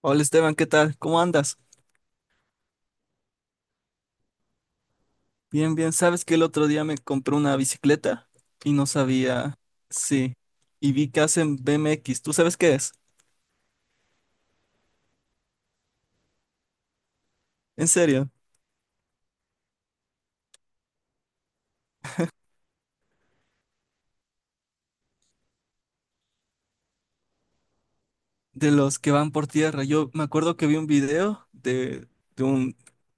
Hola Esteban, ¿qué tal? ¿Cómo andas? Bien, bien. ¿Sabes que el otro día me compré una bicicleta y no sabía? Sí. Y vi que hacen BMX. ¿Tú sabes qué es? En serio, de los que van por tierra. Yo me acuerdo que vi un video de un,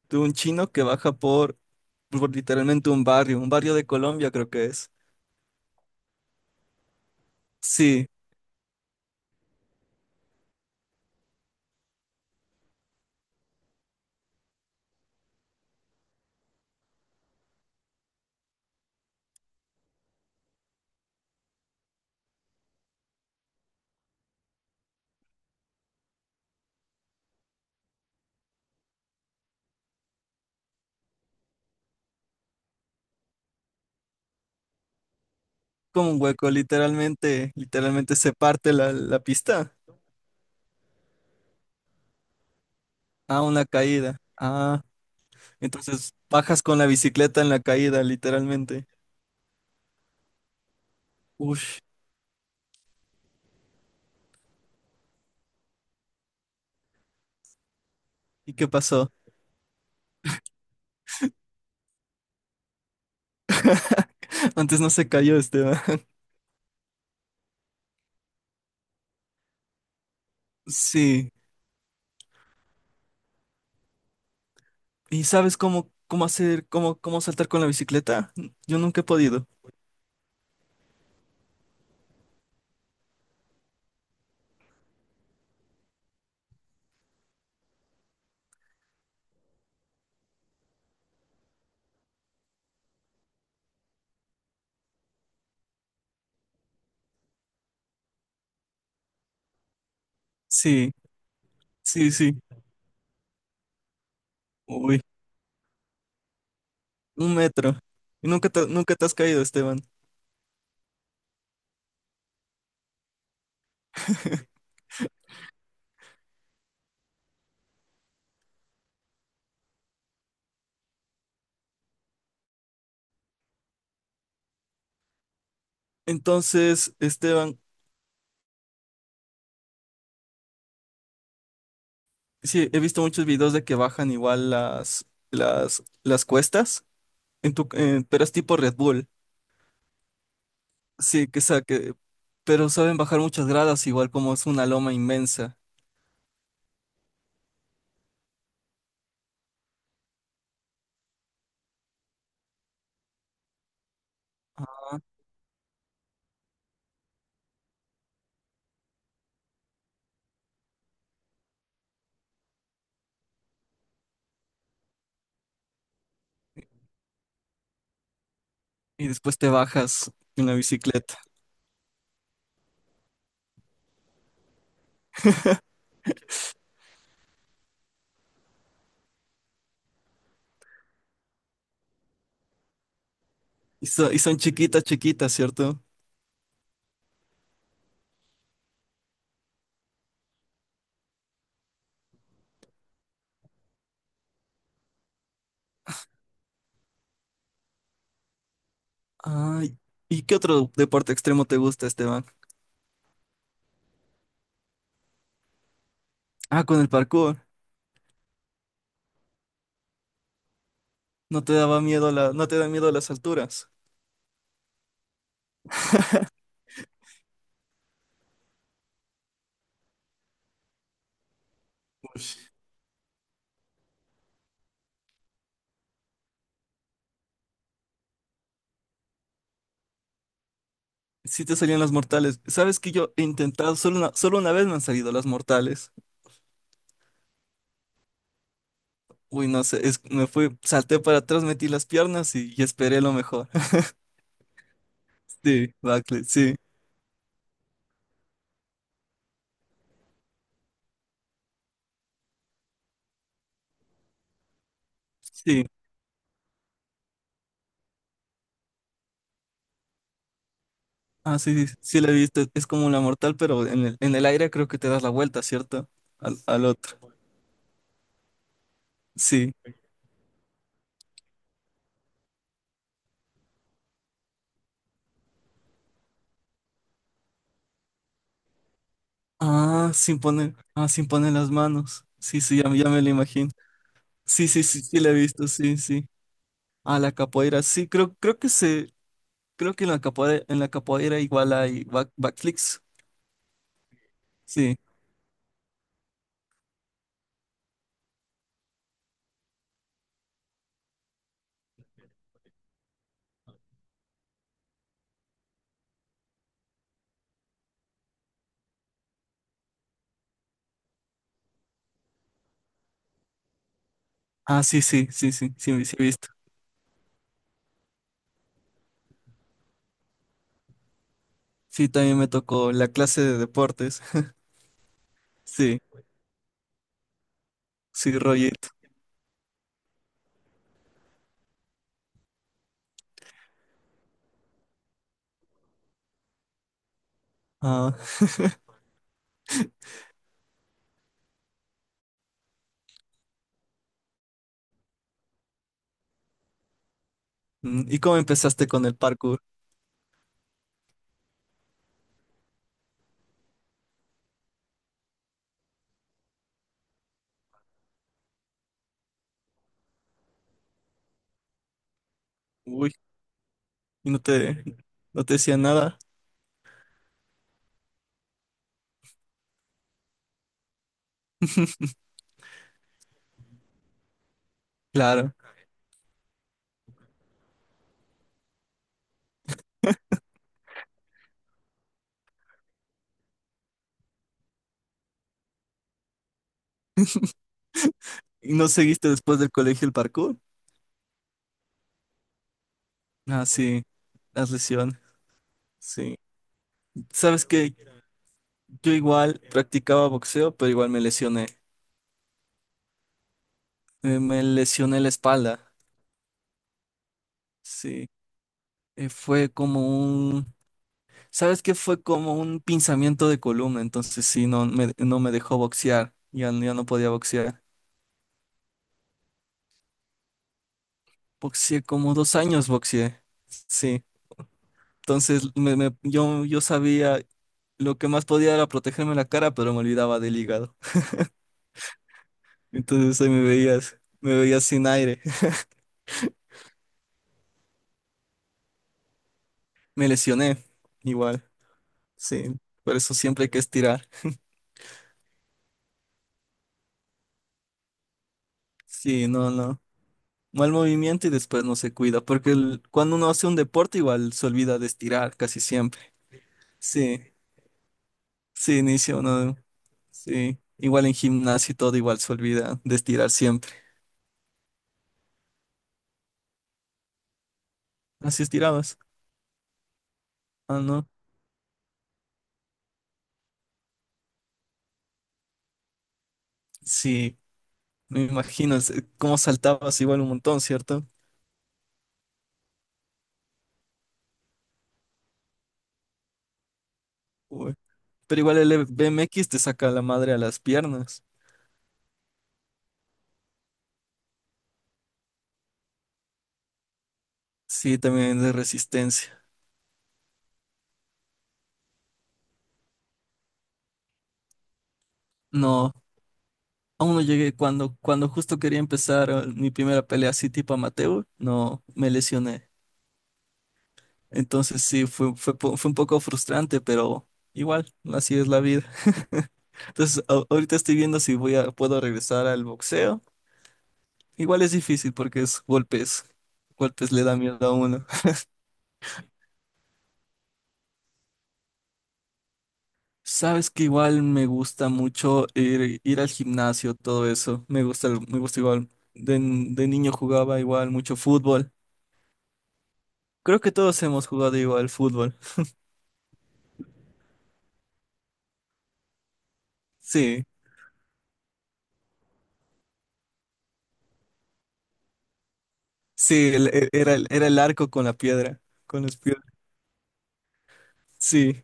de un chino que baja por literalmente un barrio de Colombia creo que es. Sí, como un hueco, literalmente, literalmente se parte la pista. Ah, una caída. Entonces bajas con la bicicleta en la caída, literalmente. Ush, ¿y qué pasó? Antes no se cayó Esteban. Sí. ¿Y sabes cómo saltar con la bicicleta? Yo nunca he podido. Sí, sí, sí. Uy, 1 metro. Y nunca te has caído, Esteban. Entonces, Esteban, sí, he visto muchos videos de que bajan igual las cuestas, en tu, pero es tipo Red Bull. Sí, pero saben bajar muchas gradas igual como es una loma inmensa. Y después te bajas en la bicicleta. Y, ¿y son chiquitas, chiquitas, cierto? Ay, ¿y qué otro deporte extremo te gusta, Esteban? Ah, con el parkour. No te daba miedo la, no te da miedo las alturas. Sí te salían las mortales. ¿Sabes que yo he intentado? Solo una vez me han salido las mortales. Uy, no sé, me fui, salté para atrás, metí las piernas y esperé lo mejor. Sí, backflip, sí, sí. Ah, sí, sí, sí la he visto. Es como la mortal, pero en el aire creo que te das la vuelta, ¿cierto? Al, al otro. Sí. Sin poner las manos. Sí, sí, ya me lo imagino. Sí, sí, sí, sí, la he visto, sí, sí. Ah, la capoeira, sí, creo que en la capoeira igual hay back, backflips. Sí. Ah, sí, sí, sí, sí, sí, sí, sí he visto. Sí, también me tocó la clase de deportes. Sí, sí, rollito. Ah, mm, ¿y cómo empezaste con el parkour? Uy, ¿y no te decía nada? Claro. ¿Y no seguiste después del colegio el parkour? Ah, sí, las lesiones. Sí. Sabes que yo igual practicaba boxeo, pero igual me lesioné. Me lesioné la espalda. Sí. Eh, fue como un, ¿Sabes qué? Fue como un pinzamiento de columna. Entonces sí, no me dejó boxear. Ya no podía boxear. Boxeé como 2 años, boxeé. Sí. Entonces yo sabía, lo que más podía era protegerme la cara, pero me olvidaba del hígado. Entonces ahí me veías sin aire. Me lesioné igual. Sí. Por eso siempre hay que estirar. Sí, no, no. Mal movimiento y después no se cuida, porque cuando uno hace un deporte igual se olvida de estirar casi siempre. Sí, sí, inicia uno, sí. Igual en gimnasio y todo igual se olvida de estirar siempre. Así estirabas. Ah, no. Sí, me imagino cómo saltabas igual un montón, ¿cierto? Uy. Pero igual el BMX te saca la madre a las piernas. Sí, también de resistencia. No. Aún no llegué cuando justo quería empezar mi primera pelea así tipo amateur, no me lesioné. Entonces sí, fue un poco frustrante, pero igual, así es la vida. Entonces ahorita estoy viendo si puedo regresar al boxeo. Igual es difícil porque es golpes, golpes le da miedo a uno. Sabes que igual me gusta mucho ir al gimnasio, todo eso. Me gusta, me gusta igual. De, de niño jugaba igual mucho fútbol. Creo que todos hemos jugado igual fútbol. Sí, sí, era el arco con la piedra, con las piedras. Sí.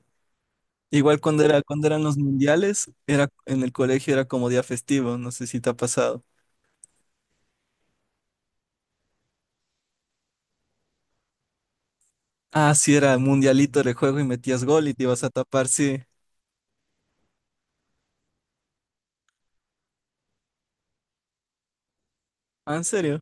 Igual cuando eran los mundiales, era en el colegio era como día festivo, no sé si te ha pasado. Ah, sí, era mundialito de juego y metías gol y te ibas a tapar, sí. Ah, ¿en serio?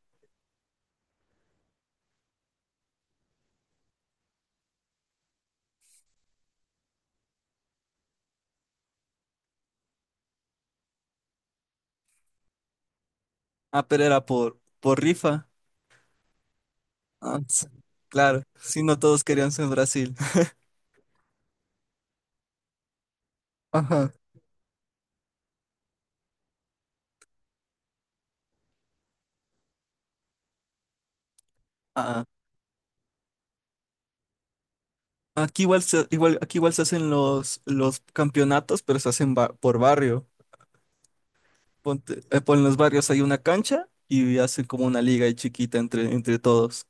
Ah, pero era por rifa. Ah, sí, claro, si no todos querían ser Brasil. Ajá. Ah, aquí aquí igual se hacen los campeonatos, pero se hacen por barrio. Ponte, por los barrios hay una cancha y hacen como una liga ahí chiquita entre, entre todos.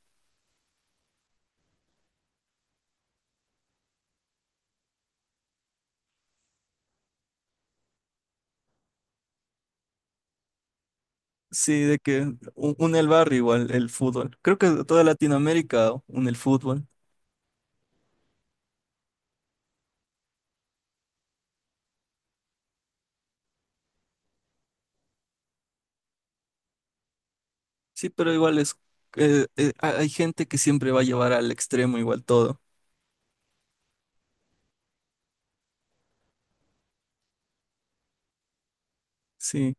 Sí, de que une el barrio igual el fútbol. Creo que toda Latinoamérica une el fútbol. Sí, pero igual es, hay gente que siempre va a llevar al extremo igual todo. Sí,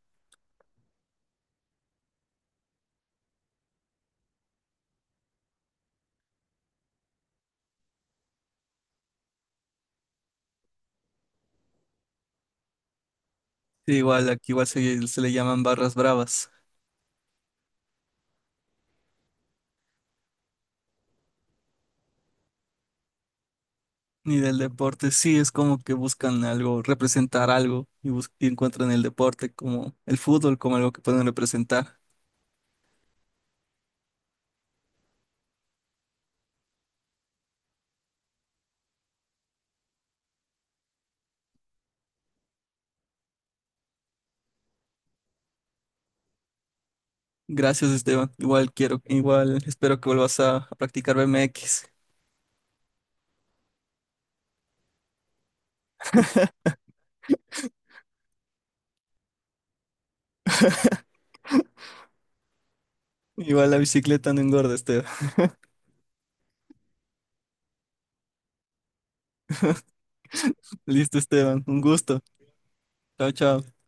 sí, igual aquí se le llaman barras bravas. Ni del deporte, sí, es como que buscan algo, representar algo y, y encuentran el deporte como el fútbol como algo que pueden representar. Gracias, Esteban. Igual quiero, igual espero que vuelvas a practicar BMX. Igual la bicicleta no engorda, Esteban. Listo, Esteban. Un gusto. Chao, chao.